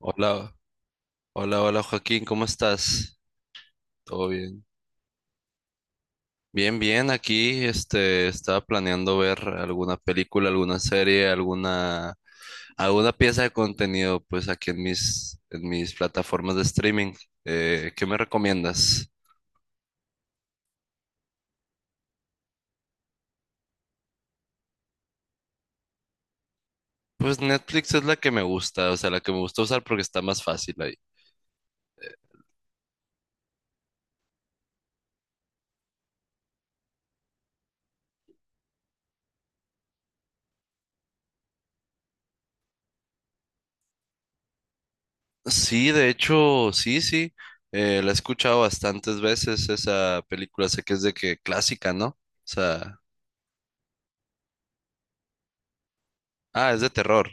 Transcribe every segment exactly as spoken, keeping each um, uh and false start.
Hola, hola, hola Joaquín, ¿cómo estás? ¿Todo bien? Bien, bien, aquí este estaba planeando ver alguna película, alguna serie, alguna alguna pieza de contenido pues aquí en mis en mis plataformas de streaming. Eh, ¿qué me recomiendas? Pues Netflix es la que me gusta, o sea, la que me gusta usar porque está más fácil ahí. Eh, Sí, de hecho, sí, sí, eh, la he escuchado bastantes veces esa película, sé que es de que clásica, ¿no? O sea, ah, es de terror.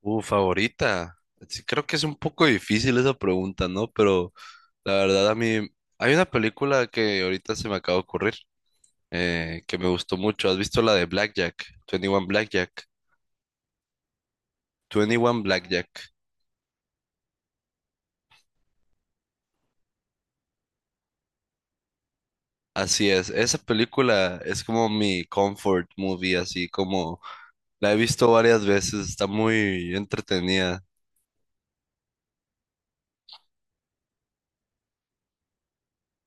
Uh, favorita. Sí, creo que es un poco difícil esa pregunta, ¿no? Pero la verdad a mí hay una película que ahorita se me acaba de ocurrir, eh, que me gustó mucho. ¿Has visto la de Blackjack? veintiuno Blackjack. veintiuno Blackjack. Así es. Esa película es como mi comfort movie, así como la he visto varias veces. Está muy entretenida.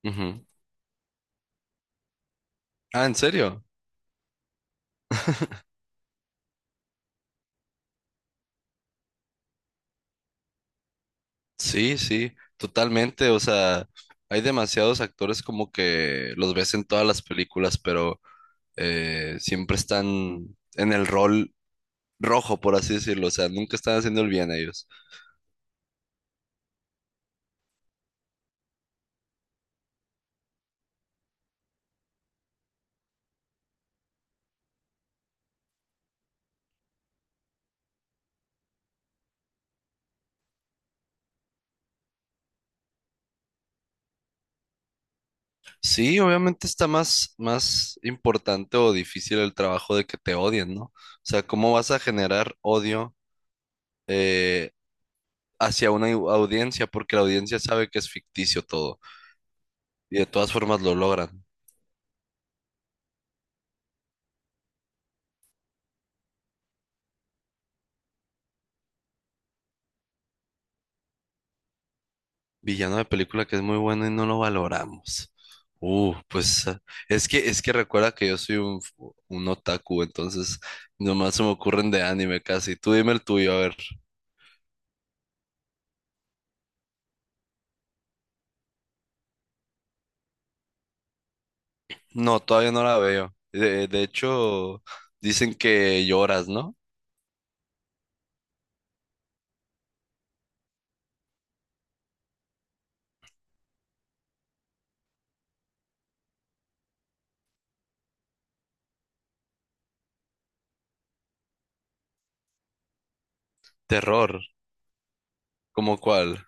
Ujú. Ah, ¿en serio? Sí, sí, totalmente. O sea, hay demasiados actores como que los ves en todas las películas, pero eh, siempre están en el rol rojo, por así decirlo. O sea, nunca están haciendo el bien ellos. Sí, obviamente está más, más importante o difícil el trabajo de que te odien, ¿no? O sea, ¿cómo vas a generar odio eh, hacia una au- audiencia? Porque la audiencia sabe que es ficticio todo y de todas formas lo logran. Villano de película que es muy bueno y no lo valoramos. Uh, pues ah, es que es que recuerda que yo soy un, f- un otaku, entonces nomás se me ocurren de anime casi. Tú dime el tuyo, a ver. No, todavía no la veo. De, de hecho, dicen que lloras, ¿no? Terror, ¿cómo cuál?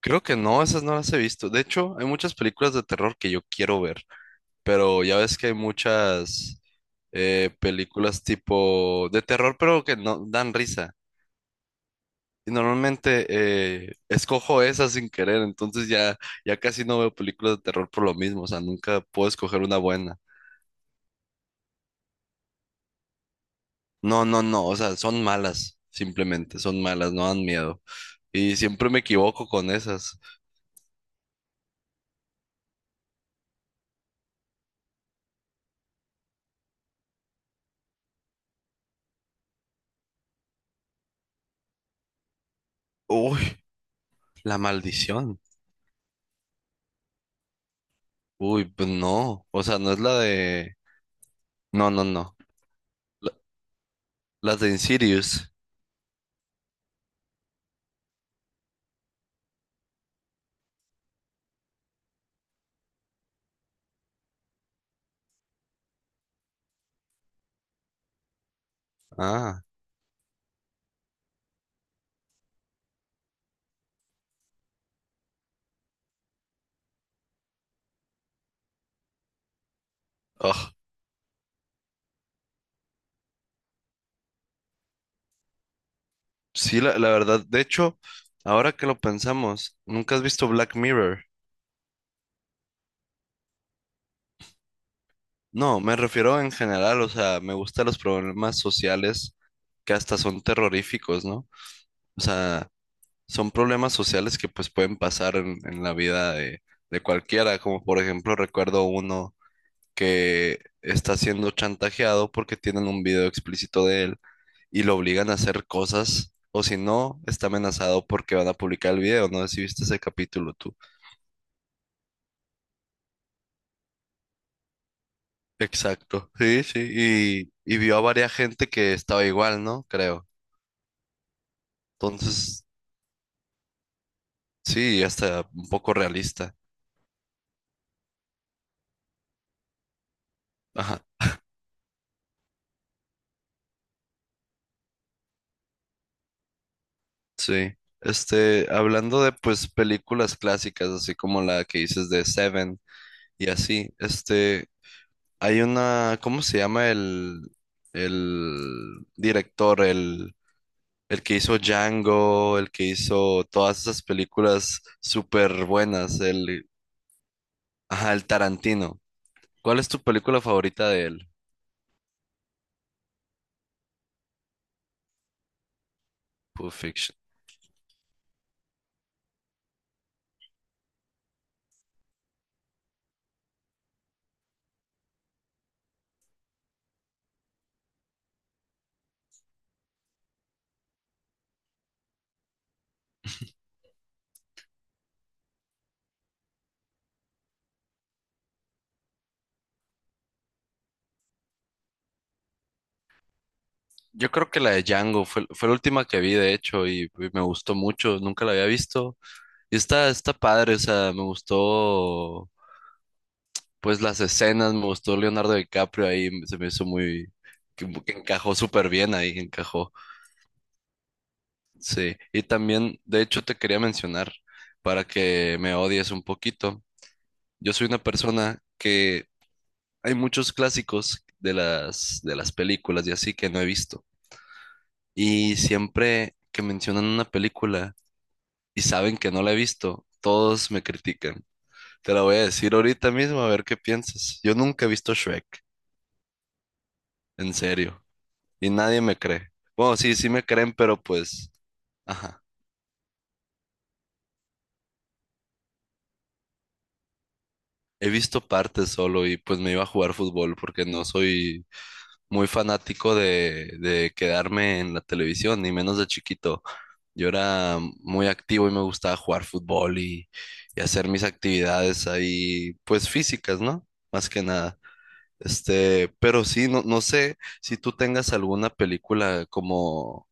Creo que no, esas no las he visto. De hecho, hay muchas películas de terror que yo quiero ver, pero ya ves que hay muchas, eh, películas tipo de terror, pero que no dan risa. Y normalmente eh, escojo esas sin querer, entonces ya, ya casi no veo películas de terror por lo mismo, o sea, nunca puedo escoger una buena. No, no, no, o sea, son malas, simplemente, son malas, no dan miedo. Y siempre me equivoco con esas. Uy, la maldición. Uy, pues no, o sea, no es la de... No, no, no. La- las de Insidious. Ah, ugh. Sí, la, la verdad, de hecho, ahora que lo pensamos, ¿nunca has visto Black Mirror? No, me refiero en general, o sea, me gustan los problemas sociales que hasta son terroríficos, ¿no? O sea, son problemas sociales que pues pueden pasar en, en la vida de, de cualquiera, como por ejemplo recuerdo uno que está siendo chantajeado porque tienen un video explícito de él y lo obligan a hacer cosas, o si no, está amenazado porque van a publicar el video, no sé si viste ese capítulo tú. Exacto, sí, sí, y, y vio a varias gente que estaba igual, ¿no? Creo. Entonces, sí, hasta un poco realista. Ajá, sí. Este, hablando de pues películas clásicas, así como la que dices de Seven y así, este, hay una, ¿cómo se llama el, el director, el, el que hizo Django, el que hizo todas esas películas súper buenas, el, ajá, el Tarantino. ¿Cuál es tu película favorita de él? Pulp Fiction. Yo creo que la de Django fue, fue la última que vi, de hecho, y, y me gustó mucho, nunca la había visto. Y está, está padre, o sea, me gustó, pues las escenas, me gustó Leonardo DiCaprio ahí, se me hizo muy, que, que encajó súper bien ahí, encajó, sí. Y también, de hecho, te quería mencionar, para que me odies un poquito, yo soy una persona que hay muchos clásicos de las, de las películas y así que no he visto. Y siempre que mencionan una película, y saben que no la he visto. Todos me critican. Te la voy a decir ahorita mismo a ver qué piensas. Yo nunca he visto Shrek, en serio. Y nadie me cree. Bueno, sí, sí me creen, pero pues, ajá. He visto partes solo y pues me iba a jugar fútbol porque no soy muy fanático de, de quedarme en la televisión, ni menos de chiquito. Yo era muy activo y me gustaba jugar fútbol y, y hacer mis actividades ahí, pues físicas, ¿no? Más que nada. Este, pero sí, no, no sé si tú tengas alguna película como,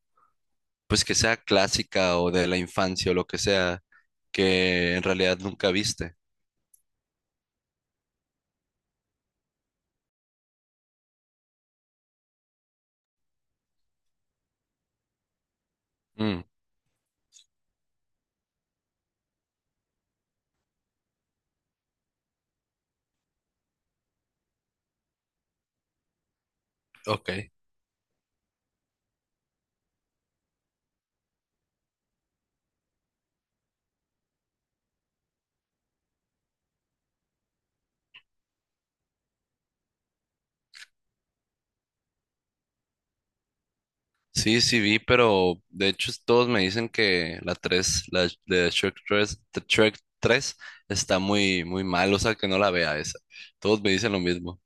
pues que sea clásica o de la infancia o lo que sea, que en realidad nunca viste. Mm, ok. Sí, sí vi, pero de hecho todos me dicen que la tres la de Shrek tres de Shrek tres está muy, muy mal, o sea que no la vea esa. Todos me dicen lo mismo.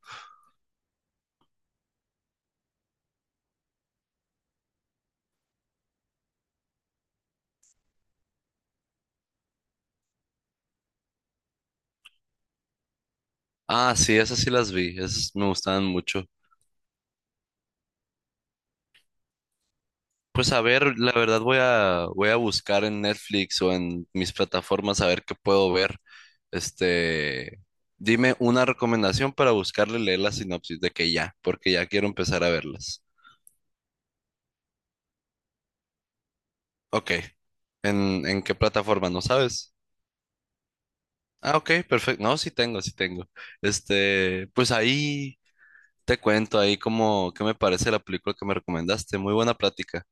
Ah, sí, esas sí las vi, esas me gustaban mucho. Pues a ver, la verdad voy a voy a buscar en Netflix o en mis plataformas a ver qué puedo ver. Este, Dime una recomendación para buscarle leer la sinopsis de que ya, porque ya quiero empezar a verlas. Ok. ¿En, en qué plataforma? ¿No sabes? Ah, ok, perfecto. No, sí tengo, sí tengo. Este, pues ahí te cuento ahí como qué me parece la película que me recomendaste. Muy buena plática.